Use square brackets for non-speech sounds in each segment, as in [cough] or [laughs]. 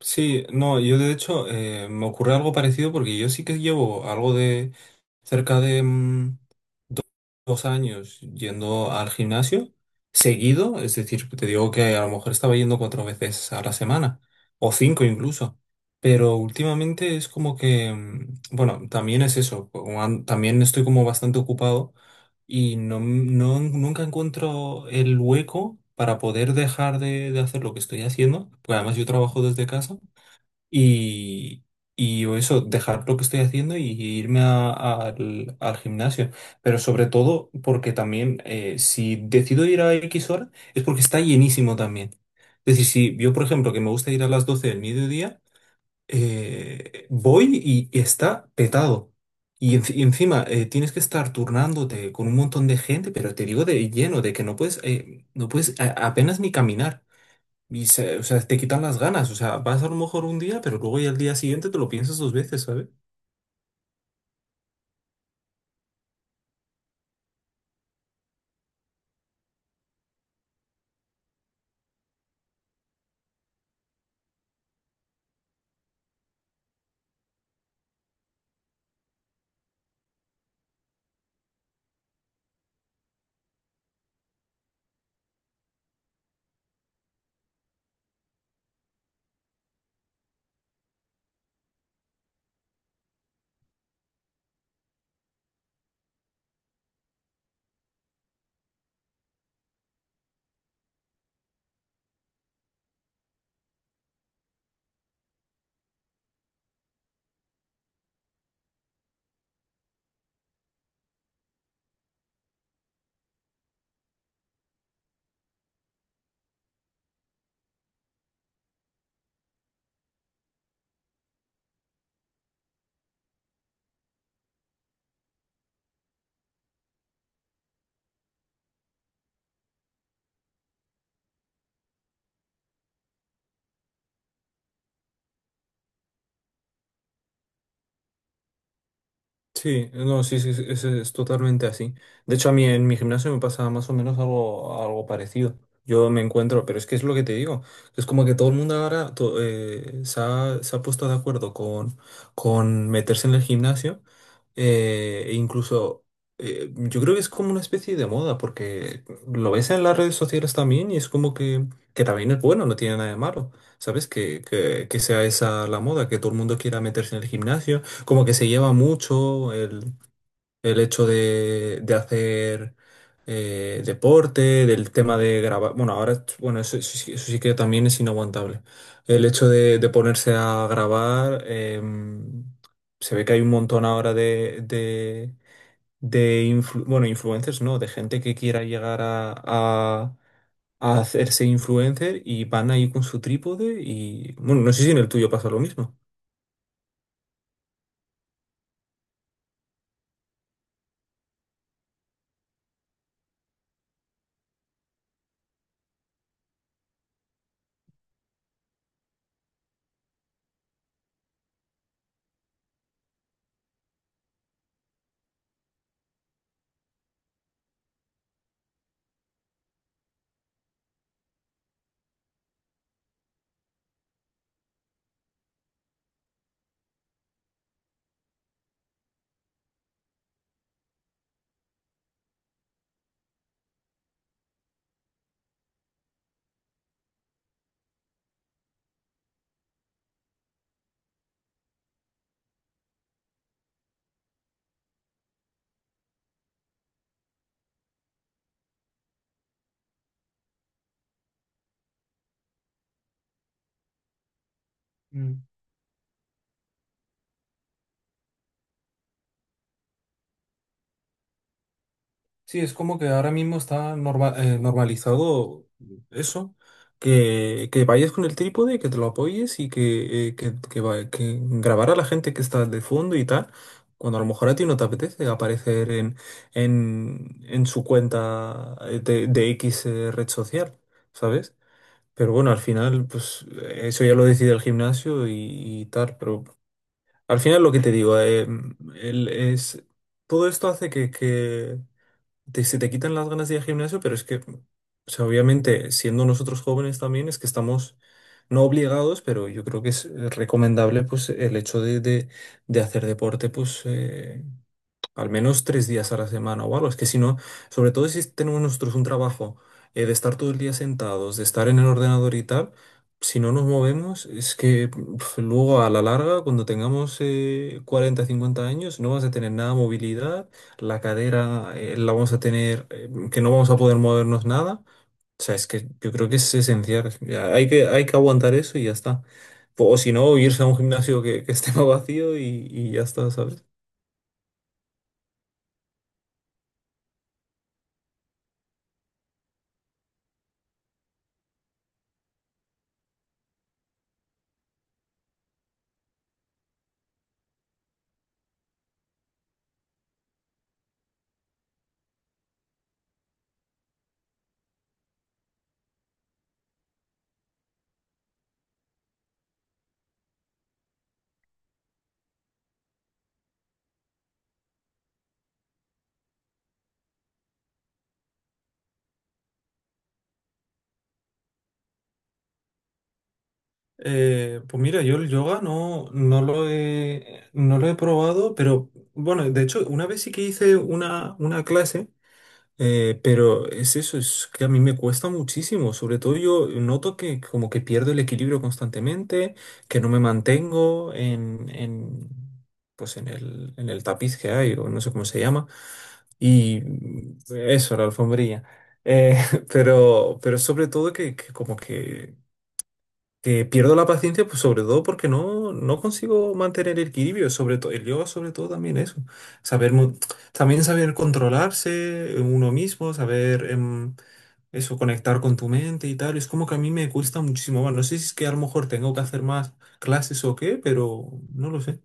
Sí, no, yo de hecho me ocurre algo parecido porque yo sí que llevo algo de cerca de 2 años yendo al gimnasio seguido. Es decir, te digo que a lo mejor estaba yendo 4 veces a la semana o 5 incluso, pero últimamente es como que, bueno, también es eso, también estoy como bastante ocupado y no nunca encuentro el hueco para poder dejar de hacer lo que estoy haciendo, porque además yo trabajo desde casa. Y, y o eso, dejar lo que estoy haciendo y irme al gimnasio. Pero sobre todo porque también, si decido ir a X hora es porque está llenísimo también. Es decir, si yo, por ejemplo, que me gusta ir a las 12 del mediodía, voy y está petado. Y encima, tienes que estar turnándote con un montón de gente, pero te digo de lleno, de que no puedes, no puedes apenas ni caminar. O sea, te quitan las ganas. O sea, vas a lo mejor un día, pero luego ya al día siguiente te lo piensas dos veces, ¿sabes? Sí, no, sí, sí, sí, es totalmente así. De hecho, a mí en mi gimnasio me pasa más o menos algo, algo parecido. Yo me encuentro, pero es que es lo que te digo. Es como que todo el mundo ahora se ha puesto de acuerdo con meterse en el gimnasio. E incluso, yo creo que es como una especie de moda, porque lo ves en las redes sociales también y es como que también es bueno, no tiene nada de malo. ¿Sabes? Que sea esa la moda, que todo el mundo quiera meterse en el gimnasio, como que se lleva mucho el hecho de hacer deporte, del tema de grabar. Bueno, ahora, bueno, eso, eso sí que también es inaguantable. El hecho de ponerse a grabar, se ve que hay un montón ahora de bueno, influencers, ¿no? De gente que quiera llegar a hacerse influencer y van ahí con su trípode y, bueno, no sé si en el tuyo pasa lo mismo. Sí, es como que ahora mismo está normalizado eso, que vayas con el trípode, que te lo apoyes y que, que grabar a la gente que está de fondo y tal, cuando a lo mejor a ti no te apetece aparecer en su cuenta, de X, red social, ¿sabes? Pero bueno, al final, pues eso ya lo decide el gimnasio y tal, pero al final lo que te digo, es, todo esto hace que se te quitan las ganas de ir al gimnasio, pero es que, o sea, obviamente, siendo nosotros jóvenes también, es que estamos no obligados, pero yo creo que es, recomendable, pues, el hecho de hacer deporte, pues, al menos 3 días a la semana o algo. Es que si no, sobre todo si tenemos nosotros un trabajo, de estar todo el día sentados, de estar en el ordenador y tal, si no nos movemos, es que pf, luego a la larga, cuando tengamos, 40, 50 años, no vas a tener nada de movilidad, la cadera, la vamos a tener, que no vamos a poder movernos nada. O sea, es que yo creo que es esencial. Ya, hay que, hay que aguantar eso y ya está. O si no, irse a un gimnasio que esté [laughs] más vacío y ya está, ¿sabes? Pues mira, yo el yoga no lo he probado, pero bueno, de hecho, una vez sí que hice una clase, pero es eso, es que a mí me cuesta muchísimo, sobre todo yo noto que como que pierdo el equilibrio constantemente, que no me mantengo pues en el tapiz que hay, o no sé cómo se llama, y eso, la alfombrilla. Eh, [laughs] pero sobre todo que como que pierdo la paciencia, pues sobre todo porque no consigo mantener el equilibrio, sobre todo el yoga, sobre todo también eso. Saber mo- También saber controlarse uno mismo, saber eso, conectar con tu mente y tal. Es como que a mí me cuesta muchísimo más. No sé si es que a lo mejor tengo que hacer más clases o qué, pero no lo sé.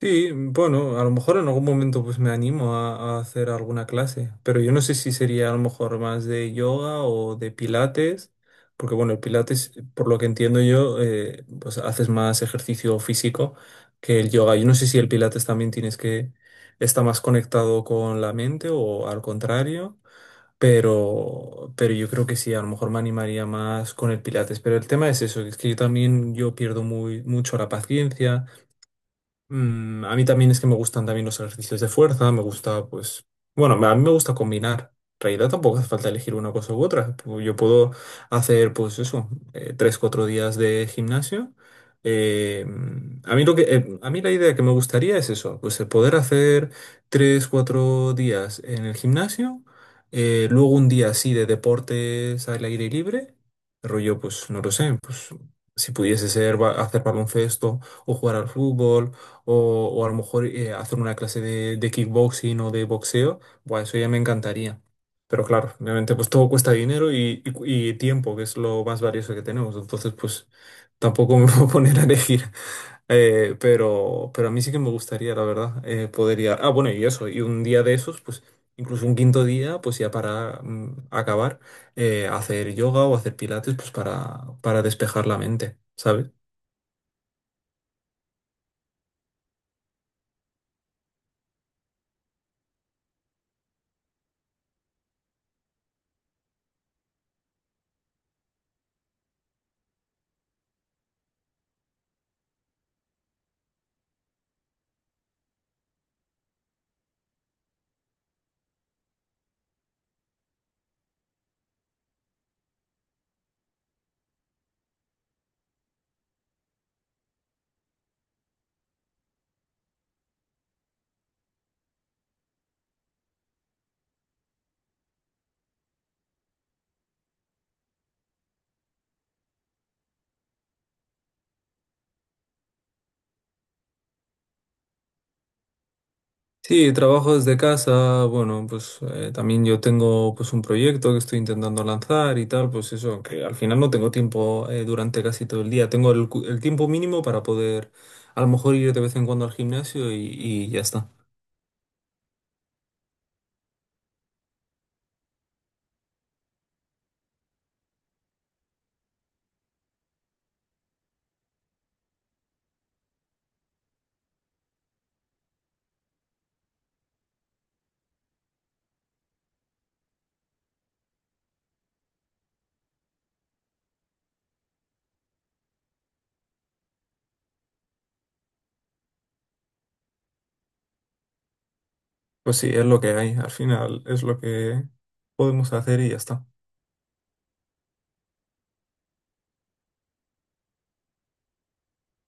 Sí, bueno, a lo mejor en algún momento pues me animo a hacer alguna clase, pero yo no sé si sería a lo mejor más de yoga o de pilates, porque bueno, el pilates, por lo que entiendo yo, pues haces más ejercicio físico que el yoga. Yo no sé si el pilates también tienes que, está más conectado con la mente o al contrario, pero yo creo que sí, a lo mejor me animaría más con el pilates. Pero el tema es eso, es que yo también yo pierdo muy, mucho la paciencia. Mm, a mí también es que me gustan también los ejercicios de fuerza, me gusta, pues, bueno, a mí me gusta combinar. En realidad tampoco hace falta elegir una cosa u otra. Yo puedo hacer, pues eso, 3, 4 días de gimnasio. Eh, a mí lo que, a mí la idea que me gustaría es eso, pues el poder hacer 3, 4 días en el gimnasio, luego un día así de deportes al aire libre, rollo, pues no lo sé, pues si pudiese ser ba- hacer baloncesto o jugar al fútbol o a lo mejor, hacer una clase de kickboxing o de boxeo, bueno, eso ya me encantaría. Pero claro, obviamente pues todo cuesta dinero y tiempo, que es lo más valioso que tenemos. Entonces pues tampoco me [laughs] voy a poner a elegir. Pero a mí sí que me gustaría, la verdad, Ah, bueno, y eso, y un día de esos, pues incluso un 5.º día, pues ya para acabar, hacer yoga o hacer pilates, pues para despejar la mente, ¿sabes? Sí, trabajo desde casa, bueno, pues también yo tengo pues un proyecto que estoy intentando lanzar y tal, pues eso, que al final no tengo tiempo, durante casi todo el día tengo el tiempo mínimo para poder a lo mejor ir de vez en cuando al gimnasio y ya está. Pues sí, es lo que hay, al final es lo que podemos hacer y ya está.